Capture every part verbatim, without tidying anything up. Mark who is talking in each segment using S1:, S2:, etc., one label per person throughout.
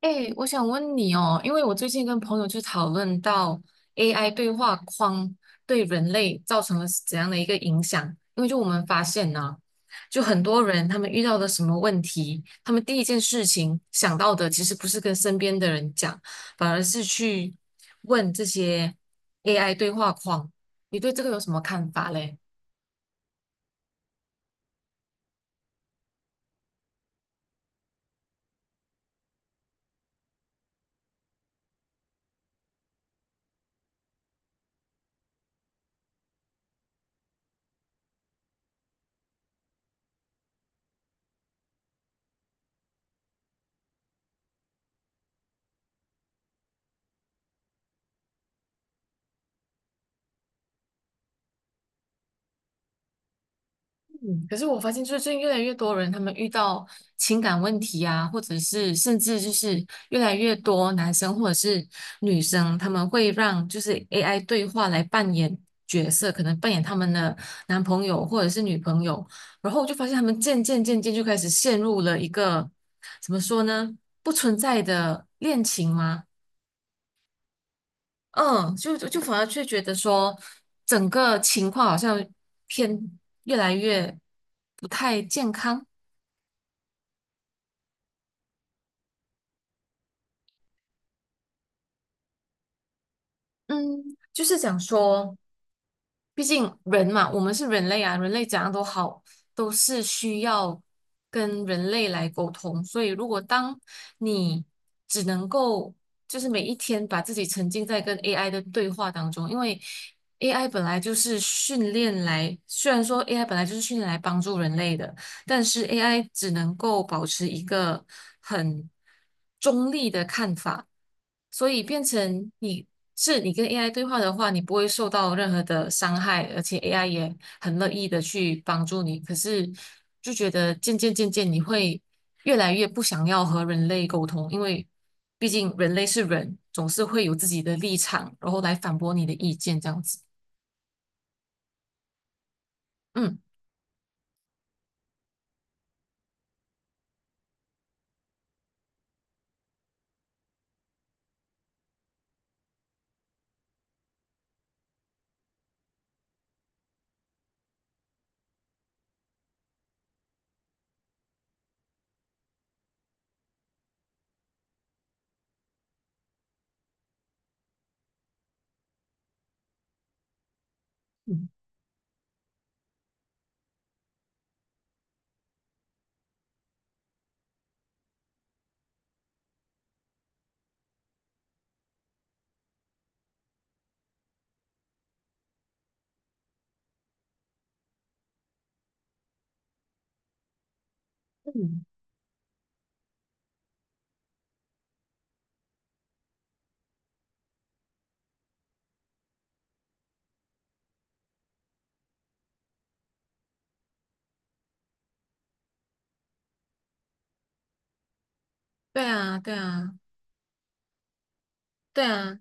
S1: 哎，我想问你哦，因为我最近跟朋友去讨论到 A I 对话框对人类造成了怎样的一个影响，因为就我们发现呢，就很多人他们遇到的什么问题，他们第一件事情想到的其实不是跟身边的人讲，反而是去问这些 A I 对话框。你对这个有什么看法嘞？嗯，可是我发现，就是最近越来越多人，他们遇到情感问题啊，或者是甚至就是越来越多男生或者是女生，他们会让就是 A I 对话来扮演角色，可能扮演他们的男朋友或者是女朋友，然后我就发现他们渐渐渐渐就开始陷入了一个怎么说呢，不存在的恋情吗？嗯，就就反而却觉得说，整个情况好像偏越来越不太健康。嗯，就是讲说，毕竟人嘛，我们是人类啊，人类怎样都好，都是需要跟人类来沟通。所以，如果当你只能够就是每一天把自己沉浸在跟 A I 的对话当中，因为 A I 本来就是训练来，虽然说 AI 本来就是训练来帮助人类的，但是 A I 只能够保持一个很中立的看法，所以变成你是你跟 A I 对话的话，你不会受到任何的伤害，而且 A I 也很乐意的去帮助你。可是就觉得渐渐渐渐你会越来越不想要和人类沟通，因为毕竟人类是人，总是会有自己的立场，然后来反驳你的意见这样子。嗯嗯嗯，对啊，对啊，对啊。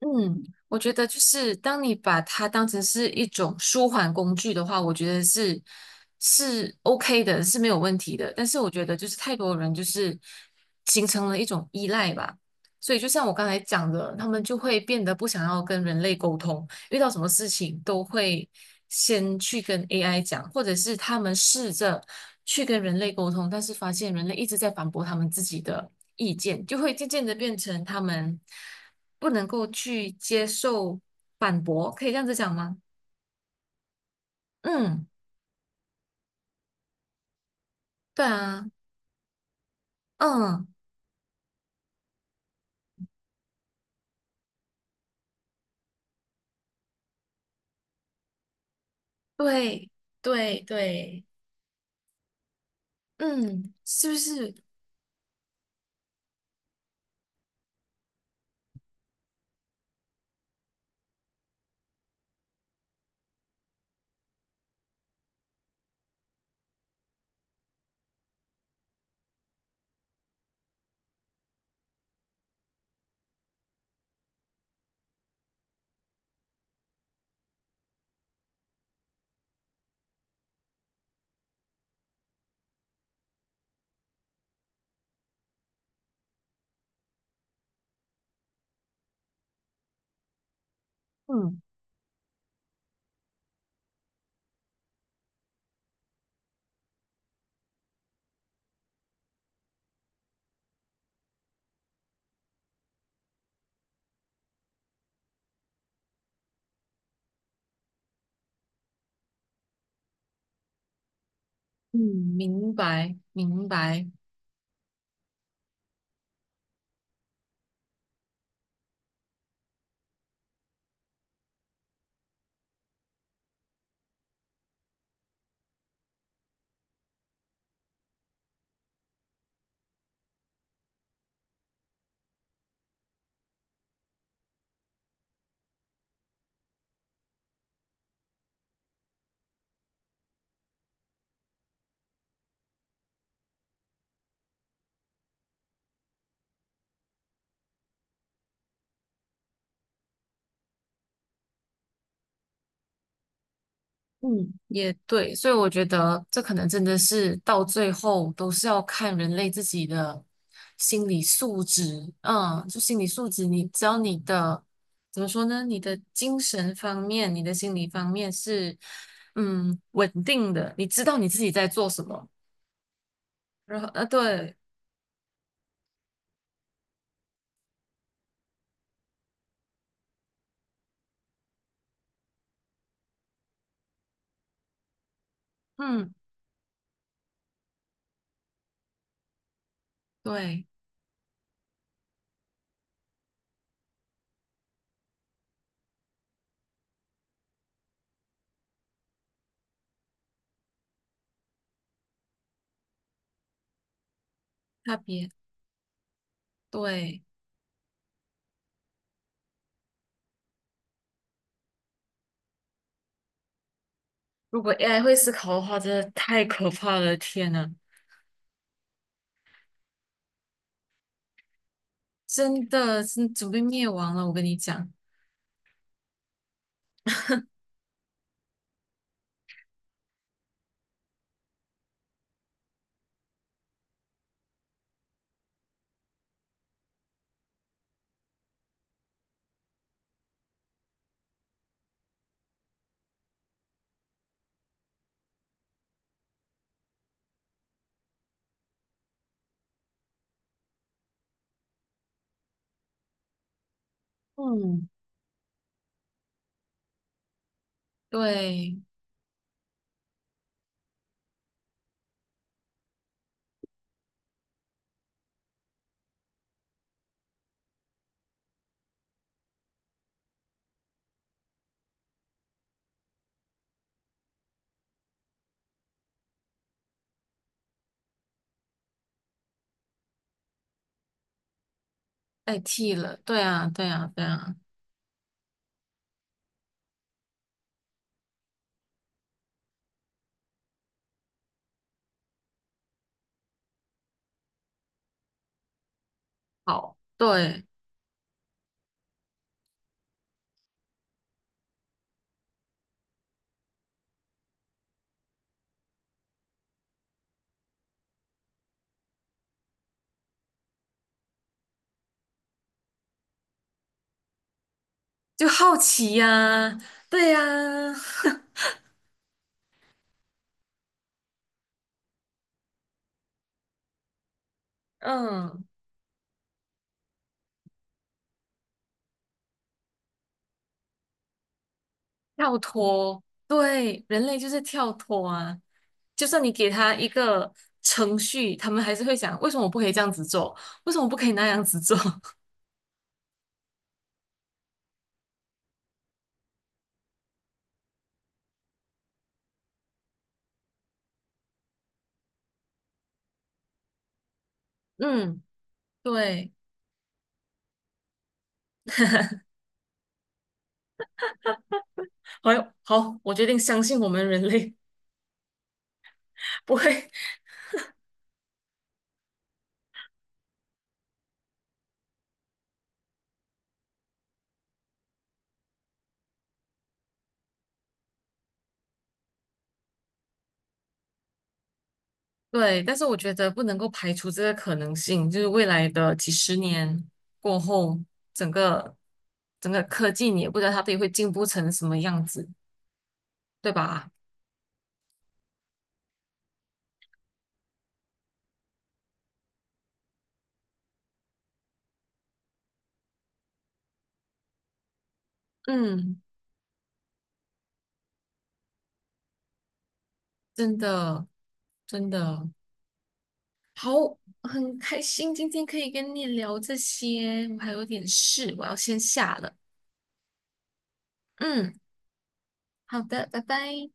S1: 嗯，我觉得就是当你把它当成是一种舒缓工具的话，我觉得是是 OK 的，是没有问题的。但是我觉得就是太多人就是形成了一种依赖吧，所以就像我刚才讲的，他们就会变得不想要跟人类沟通，遇到什么事情都会先去跟 A I 讲，或者是他们试着去跟人类沟通，但是发现人类一直在反驳他们自己的意见，就会渐渐的变成他们不能够去接受反驳，可以这样子讲吗？嗯，对啊，嗯，对对对，嗯，是不是？嗯嗯，明白明白。嗯，也对，所以我觉得这可能真的是到最后都是要看人类自己的心理素质，嗯，就心理素质你，只要你的怎么说呢，你的精神方面、你的心理方面是嗯稳定的，你知道你自己在做什么，然后呃对，嗯对，差别对，如果 A I 会思考的话，真的太可怕了，天呐，真的是准备灭亡了，我跟你讲。嗯。对，代替了，对啊，对啊，对啊，好，对，就好奇呀、对呀、嗯，跳脱，对，人类就是跳脱啊，就算你给他一个程序，他们还是会想，为什么我不可以这样子做？为什么我不可以那样子做？嗯，对，好，好，我决定相信我们人类不会。对，但是我觉得不能够排除这个可能性，就是未来的几十年过后，整个整个科技你也不知道它到底会进步成什么样子，对吧？嗯，真的真的好，很开心今天可以跟你聊这些，我还有点事，我要先下了。嗯，好的，拜拜。